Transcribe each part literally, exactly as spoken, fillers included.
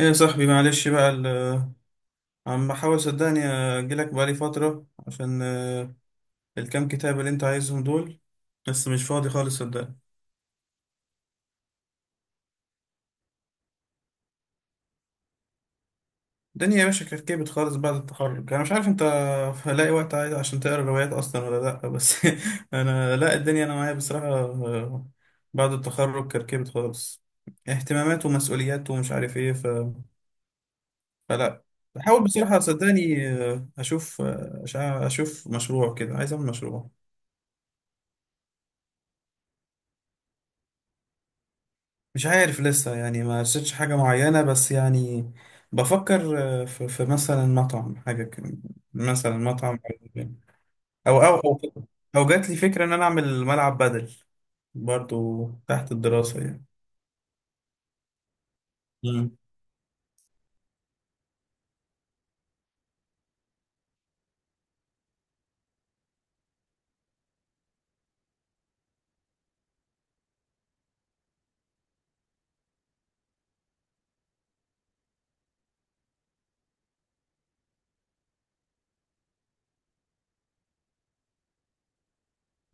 ايه يا صاحبي، معلش بقى ال- عم بحاول، صدقني، اجيلك بقالي فترة عشان آه، الكام كتاب اللي انت عايزهم دول، بس مش فاضي خالص، صدقني. الدنيا يا باشا كركبت خالص بعد التخرج، انا مش عارف انت هلاقي وقت عايز عشان تقرا روايات اصلا ولا لا، بس انا لا، الدنيا انا معايا بصراحة، آه، بعد التخرج كركبت خالص، اهتمامات ومسؤوليات ومش عارف ايه، ف... فلا. بحاول بصراحة، صدقني، آه، اشوف آه، أشع- اشوف مشروع كده، عايز اعمل مشروع. مش عارف لسه، يعني ما رسيتش حاجة معينة، بس يعني بفكر آه، في, في مثلا مطعم، حاجة كده. مثلا مطعم، أو أو أو أو جات لي فكرة إن أنا أعمل ملعب بدل، برضو تحت الدراسة يعني. مم.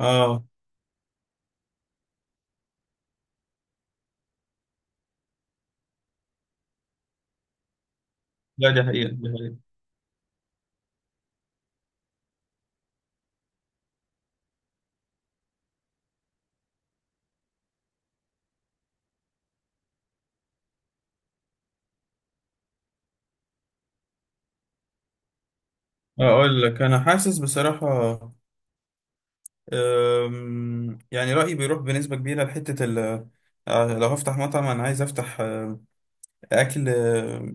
آه لا، دي حقيقة، دي حقيقة. أقول لك، أنا حاسس بصراحة، أم، يعني رأيي بيروح بنسبة كبيرة لحتة ال آه، لو هفتح مطعم أنا عايز أفتح آه، أكل آه،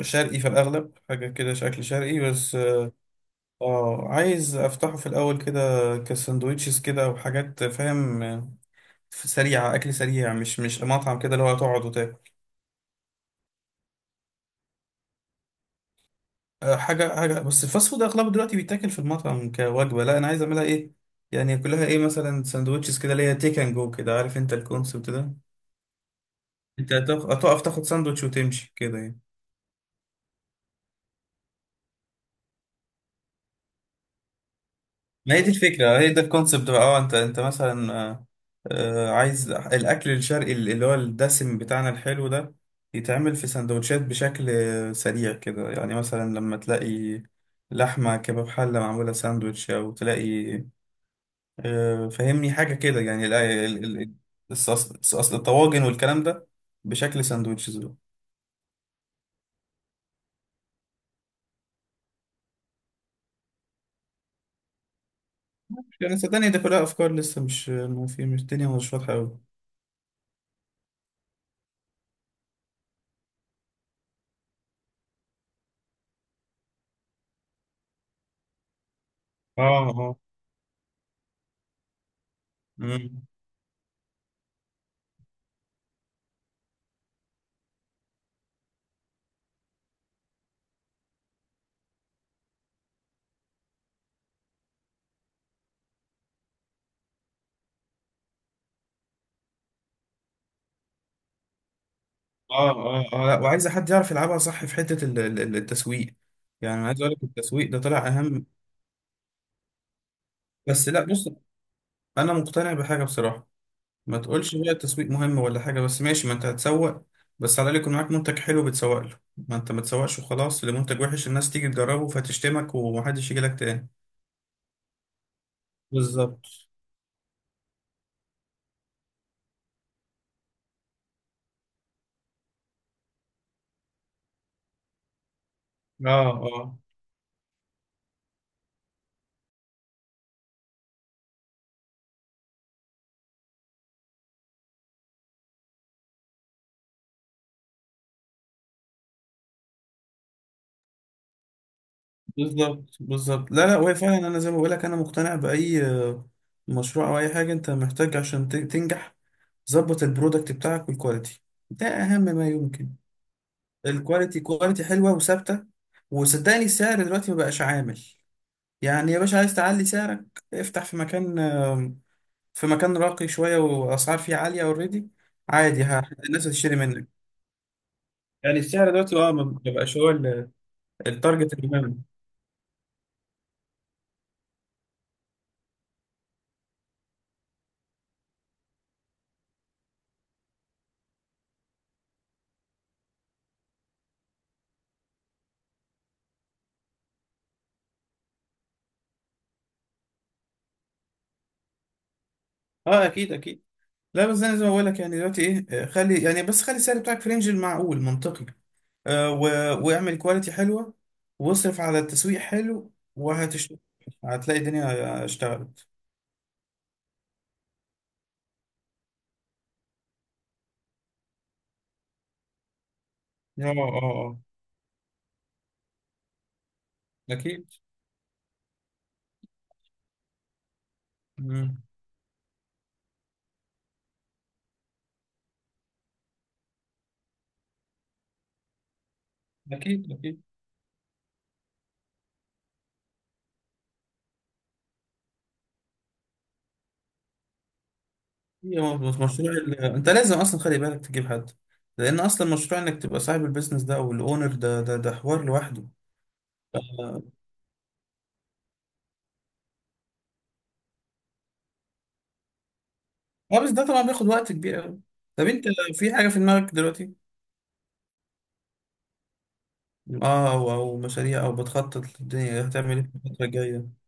شرقي في الأغلب، حاجة كده شكل شرقي بس. اه، عايز افتحه في الاول كده، كساندوتشز كده وحاجات، فاهم، آه، سريعه، اكل سريع، مش مش مطعم كده اللي هو تقعد وتاكل. آه، حاجه حاجه، بس الفاست فود اغلبه دلوقتي بيتاكل في المطعم كوجبه، لا انا عايز اعملها ايه، يعني كلها ايه، مثلا ساندوتشز كده اللي هي تيك اند جو كده، عارف انت الكونسبت ده. انت هتقف هتقف تاخد ساندوتش وتمشي كده يعني. ما هي دي الفكرة، هي ده الكونسبت بقى. اه، انت انت مثلا آه، آه، عايز الأكل الشرقي اللي هو الدسم بتاعنا الحلو ده، يتعمل في سندوتشات بشكل آه، سريع كده، يعني مثلا لما تلاقي لحمة كباب حلة معمولة ساندوتش، أو تلاقي آه، فهمني حاجة كده، يعني ال- ال- ال- الصص- الصص- الطواجن والكلام ده بشكل ساندوتشز بقى. مش يعني صدقني، ده كلها أفكار لسه، مش ما في، مش الدنيا مش واضحة أوي. اه اه اه اه اه، لا، وعايزه حد يعرف يلعبها صح في حته ال- ال- التسويق، يعني عايز اقول لك التسويق ده طلع اهم. بس لا، بص، انا مقتنع بحاجه بصراحه، ما تقولش بقى التسويق مهم ولا حاجه، بس ماشي، ما انت هتسوق، بس على الاقل يكون معاك منتج حلو بتسوق له، ما انت ما تسوقش وخلاص لمنتج وحش، الناس تيجي تجربه فتشتمك ومحدش يجي لك تاني. بالظبط، اه اه، بالظبط بالظبط، لا لا، وهي فعلا، انا زي ما بقول لك، انا مقتنع باي آه، مشروع او اي حاجه، انت محتاج عشان ت- تنجح، ظبط البرودكت بتاعك والكواليتي، ده اهم ما يمكن. الكواليتي، كواليتي حلوه وثابته. وصدقني السعر دلوقتي ما بقاش عامل، يعني يا باشا، عايز تعلي سعرك افتح في مكان آه، في مكان راقي شويه واسعار فيه عاليه اوريدي، عادي، ه- الناس هتشتري منك. يعني السعر دلوقتي، اه، ما بقاش هو ال- التارجت المهم. اه، اكيد اكيد. لا بس انا زي ما بقول لك، يعني دلوقتي ايه، آه، خلي يعني، بس خلي السعر بتاعك في رينج المعقول منطقي، آه و... واعمل كواليتي حلوه، واصرف على التسويق حلو، وهتشتغل، هتلاقي الدنيا اشتغلت. اه اه اه، اكيد. مم. اكيد اكيد، هي مظبوط. مشروع ال... انت لازم اصلا خلي بالك تجيب حد، لان اصلا مشروع انك تبقى صاحب البيزنس ده او الاونر ده ده ده حوار لوحده. اه، بس ده طبعا بياخد وقت كبير قوي. طب انت، في حاجه في دماغك دلوقتي؟ اه، او او مشاريع، او بتخطط للدنيا هتعمل ايه في الفترة الجاية؟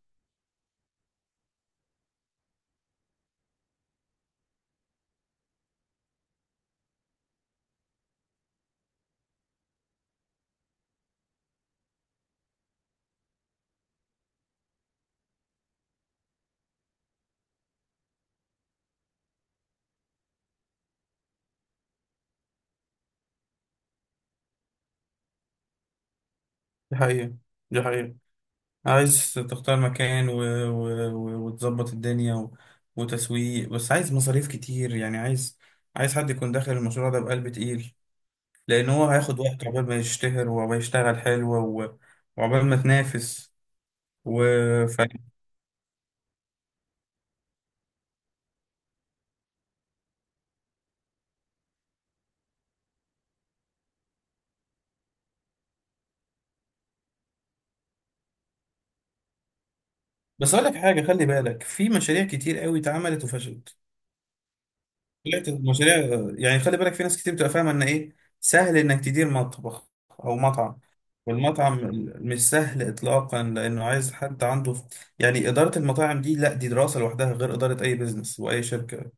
دي حقيقة، دي حقيقة. عايز تختار مكان و... و... و... وتظبط الدنيا و... وتسويق، بس عايز مصاريف كتير، يعني عايز، عايز حد يكون داخل المشروع ده بقلب تقيل، لأن هو هياخد وقت عقبال ما يشتهر ويشتغل حلو و... وعقبال ما تنافس و... ف... بس أقول لك حاجة، خلي بالك في مشاريع كتير قوي اتعملت وفشلت. لا المشاريع يعني، خلي بالك، في ناس كتير بتبقى فاهمه ان ايه سهل انك تدير مطبخ او مطعم. والمطعم مش سهل اطلاقا، لانه عايز حد عنده، يعني اداره المطاعم دي لا، دي دراسه لوحدها، غير اداره اي بزنس واي شركه.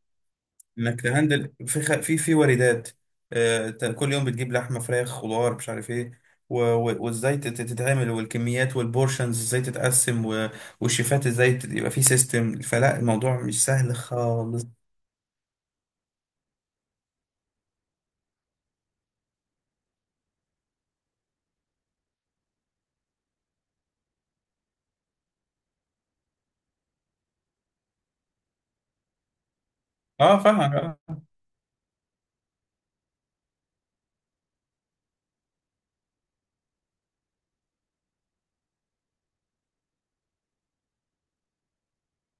انك تهندل في خ... في في واردات، آه، ت- كل يوم بتجيب لحمه فراخ خضار مش عارف ايه، و... و... وازاي تت- تتعمل، والكميات والبورشنز ازاي تتقسم، و... والشيفات ازاي تت- يبقى في سيستم، فلا الموضوع مش سهل خالص. اه فاهم.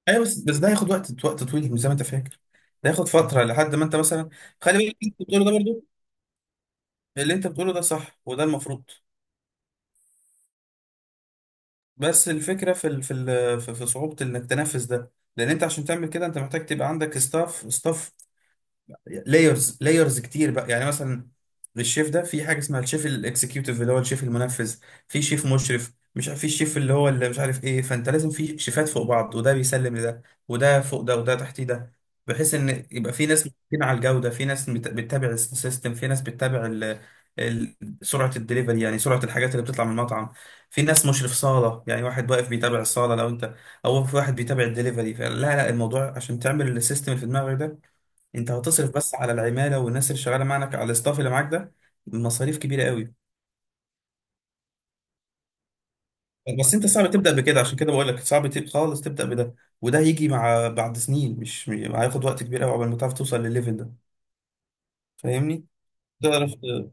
ايوه، بس بس ده هياخد وقت، وقت طويل، مش زي ما انت فاكر. ده هياخد فتره لحد ما انت مثلا، خلي بالك اللي انت بتقوله ده برضو، اللي انت بتقوله ده صح، وده المفروض. بس الفكره في ال... في ال... في في صعوبه انك تنفذ ده، لان انت عشان تعمل كده انت محتاج تبقى عندك ستاف ستاف، لايرز لايرز كتير بقى، يعني مثلا للشيف ده في حاجه اسمها الشيف الاكسكيوتيف اللي هو الشيف المنفذ، في شيف مشرف، مش عارف، في الشيف اللي هو اللي مش عارف ايه، فانت لازم في شيفات فوق بعض، وده بيسلم لده، وده فوق ده، وده تحتيه ده، بحيث ان يبقى في ناس متفقين على الجوده، في ناس بت- بتتابع السيستم، في ناس بتتابع ال- ال- سرعه الدليفري، يعني سرعه الحاجات اللي بتطلع من المطعم. في ناس مشرف صاله، يعني واحد واقف بيتابع الصاله لو انت، او في واحد بيتابع الدليفري، فلا لا الموضوع، عشان تعمل السيستم اللي في دماغك ده انت هتصرف بس على العماله والناس اللي شغاله معاك، على الاستاف اللي معاك ده، مصاريف كبيره قوي. بس انت صعب تبدا بكده، عشان كده بقول لك صعب تب- خالص تبدا بده، وده هيجي مع بعد سنين، مش م- هياخد وقت كبير قوي قبل ما تعرف توصل للليفل ده، فاهمني؟ تعرف ت-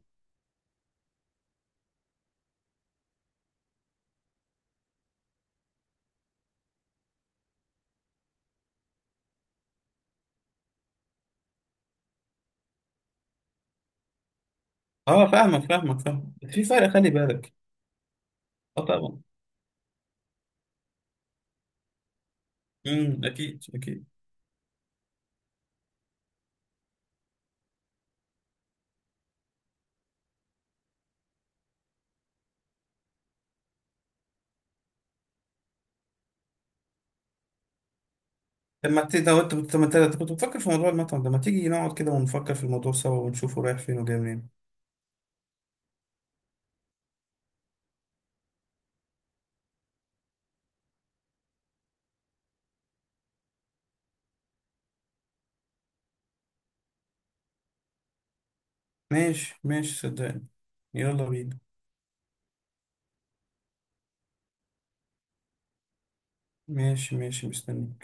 اه فاهمك، فاهمك، فاهم في فرق، خلي بالك. اه طبعا. امم اكيد اكيد. طب ما ت- لو انت طب ما انت أنت كنت بتفكر في موضوع المطعم ده، ما تيجي نقعد كده ونفكر في الموضوع سوا ونشوفه رايح فين وجاي منين؟ ماشي ماشي، صدقني، يلا بينا. ماشي ماشي، مستني.